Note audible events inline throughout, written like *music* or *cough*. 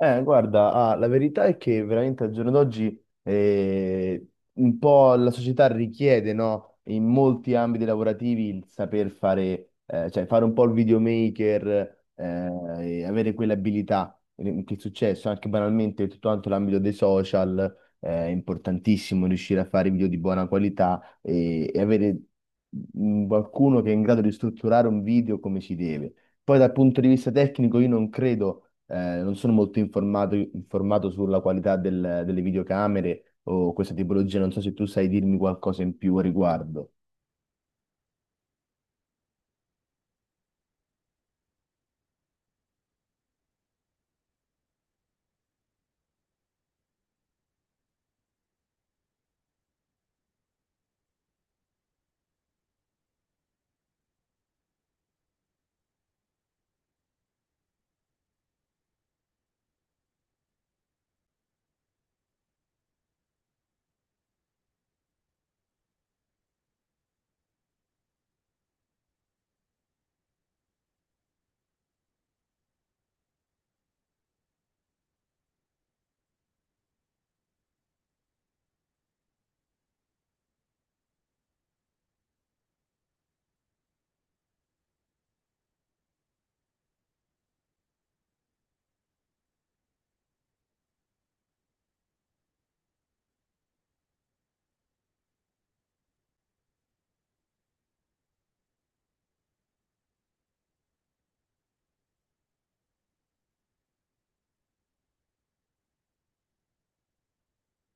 Guarda, ah, la verità è che veramente al giorno d'oggi un po' la società richiede, no, in molti ambiti lavorativi il saper fare, cioè fare un po' il videomaker, e avere quell'abilità che è successo anche banalmente tutto quanto l'ambito dei social, è importantissimo riuscire a fare video di buona qualità e avere qualcuno che è in grado di strutturare un video come si deve. Poi dal punto di vista tecnico io non credo, non sono molto informato sulla qualità delle videocamere o questa tipologia, non so se tu sai dirmi qualcosa in più a riguardo.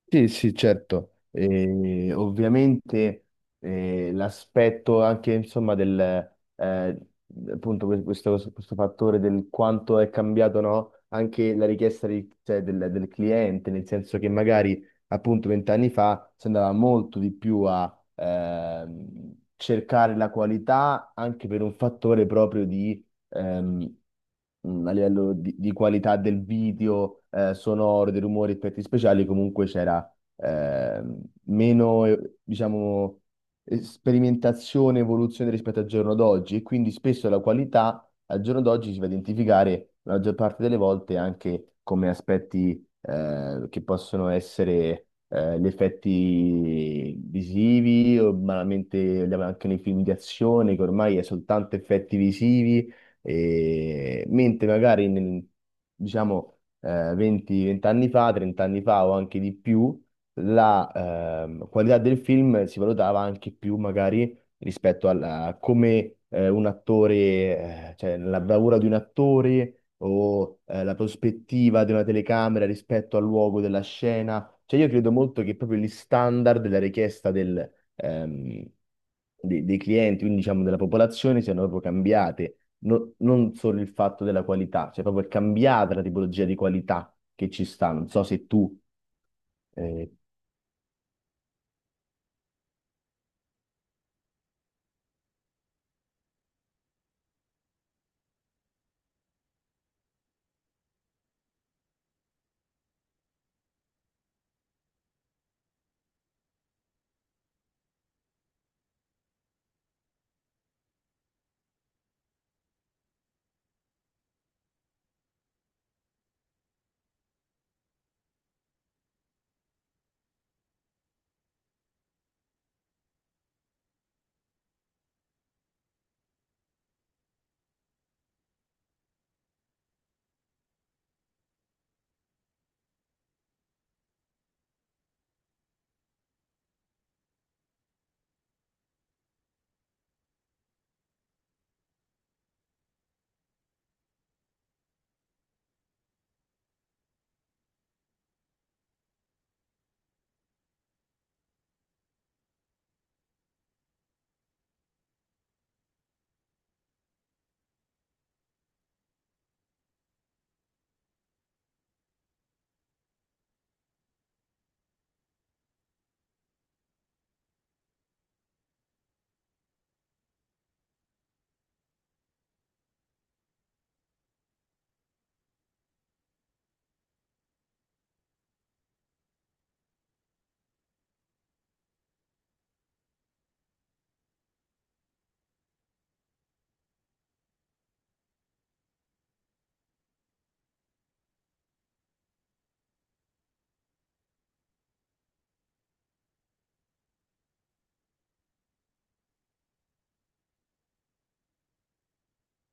Sì, sì, certo. Ovviamente l'aspetto anche, insomma, del eh, appunto questo fattore del quanto è cambiato, no? Anche la richiesta cioè, del cliente, nel senso che magari appunto 20 anni fa si andava molto di più a cercare la qualità, anche per un fattore proprio di a livello di qualità del video, sonoro, dei rumori, effetti speciali. Comunque c'era eh, meno, diciamo, sperimentazione e evoluzione rispetto al giorno d'oggi, e quindi spesso la qualità al giorno d'oggi si va a identificare la maggior parte delle volte anche come aspetti che possono essere gli effetti visivi, o banalmente andiamo anche nei film di azione che ormai è soltanto effetti visivi, mentre magari diciamo, 20 anni fa, 30 anni fa o anche di più, la qualità del film si valutava anche più magari rispetto a come, un attore, cioè la bravura di un attore, o la prospettiva di una telecamera rispetto al luogo della scena. Cioè io credo molto che proprio gli standard della richiesta dei clienti, quindi diciamo della popolazione, siano proprio cambiate. Non solo il fatto della qualità, cioè proprio è cambiata la tipologia di qualità che ci sta. Non so se tu eh,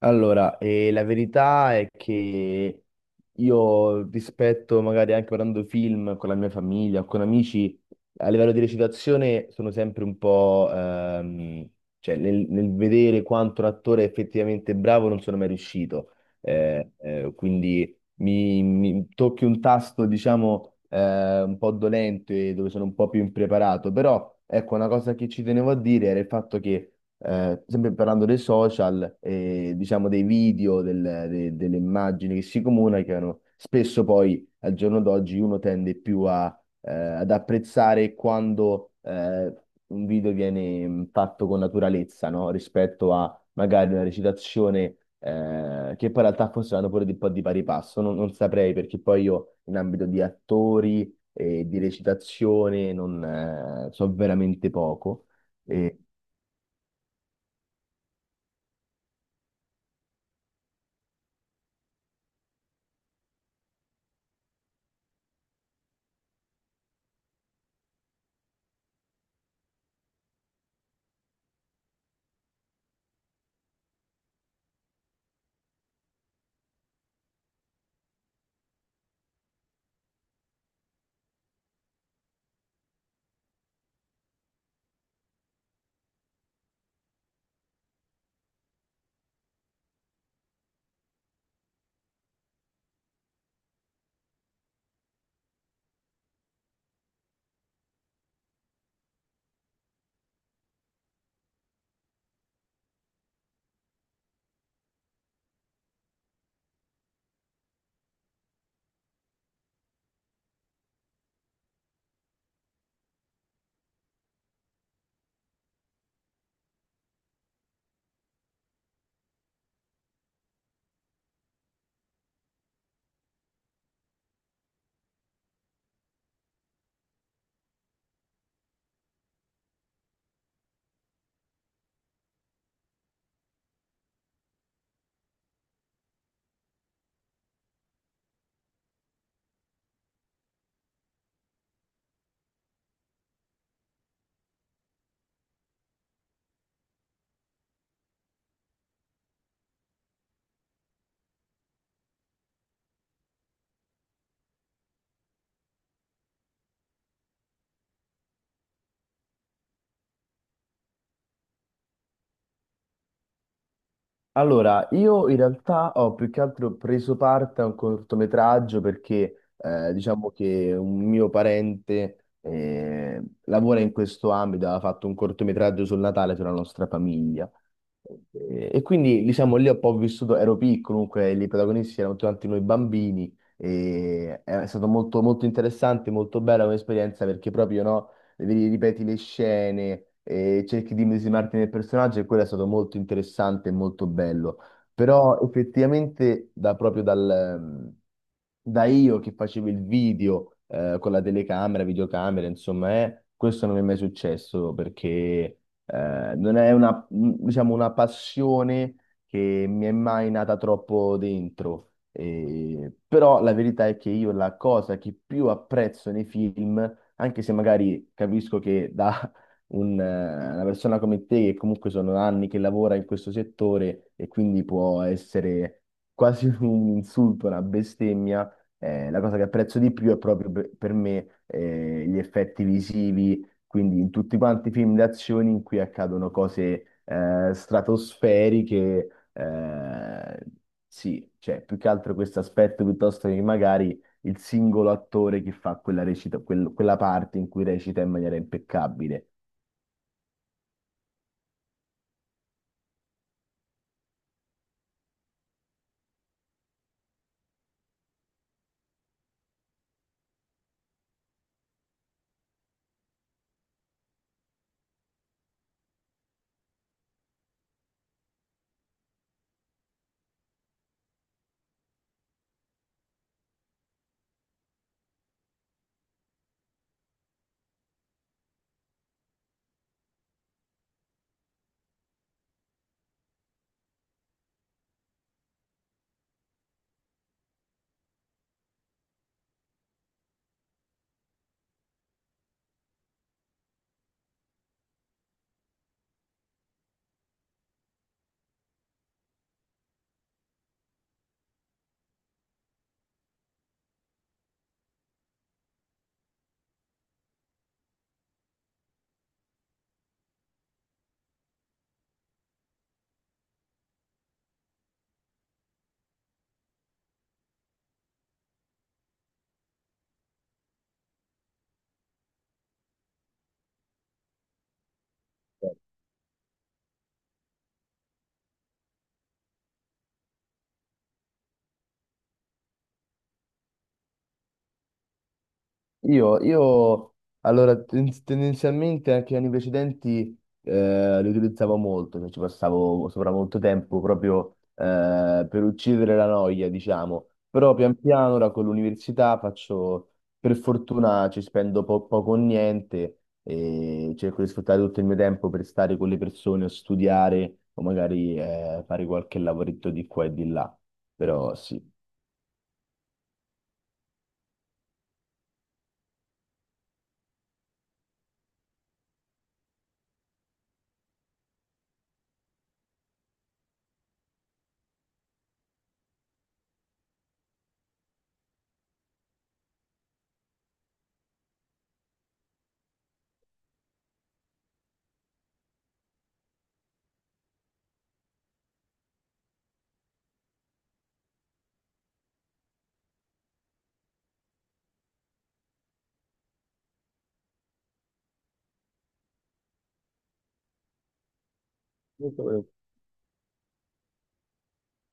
allora, la verità è che io, rispetto, magari anche guardando film con la mia famiglia o con amici, a livello di recitazione, sono sempre un po', cioè nel vedere quanto un attore è effettivamente bravo, non sono mai riuscito. Quindi mi tocchi un tasto, diciamo, un po' dolente, dove sono un po' più impreparato. Però ecco, una cosa che ci tenevo a dire era il fatto che, sempre parlando dei social, e diciamo dei video, delle immagini che si comunicano, spesso poi al giorno d'oggi uno tende più ad apprezzare quando un video viene fatto con naturalezza, no? Rispetto a magari una recitazione che poi, in realtà, forse vanno pure di un po' di pari passo, non saprei, perché poi io, in ambito di attori e di recitazione, non so veramente poco. Mm. Allora, io in realtà ho più che altro preso parte a un cortometraggio, perché, diciamo, che un mio parente lavora in questo ambito, ha fatto un cortometraggio sul Natale, sulla nostra famiglia. E quindi, diciamo, lì ho un po' vissuto. Ero piccolo, comunque i protagonisti erano tutti noi bambini, e è stato molto, molto interessante, molto bella come esperienza, perché proprio, no, ripeti le scene e cerchi di immedesimarti nel personaggio, e quello è stato molto interessante e molto bello. Però effettivamente ehm, da io che facevo il video con la telecamera, videocamera, insomma, questo non mi è mai successo, perché non è una, diciamo, una passione che mi è mai nata troppo dentro. Però la verità è che, io, la cosa che più apprezzo nei film, anche se magari capisco che da una persona come te, che comunque sono anni che lavora in questo settore, e quindi può essere quasi *laughs* un insulto, una bestemmia, la cosa che apprezzo di più è proprio, per me, gli effetti visivi, quindi in tutti quanti i film d'azione in cui accadono cose stratosferiche. Eh, sì, cioè più che altro questo aspetto, piuttosto che magari il singolo attore che fa quella recita, quella parte in cui recita in maniera impeccabile. Io allora, tendenzialmente, anche gli anni precedenti li utilizzavo molto, cioè ci passavo sopra molto tempo, proprio per uccidere la noia, diciamo. Però pian piano, ora con l'università faccio, per fortuna, ci spendo poco o niente, e cerco di sfruttare tutto il mio tempo per stare con le persone o studiare o magari fare qualche lavoretto di qua e di là. Però sì.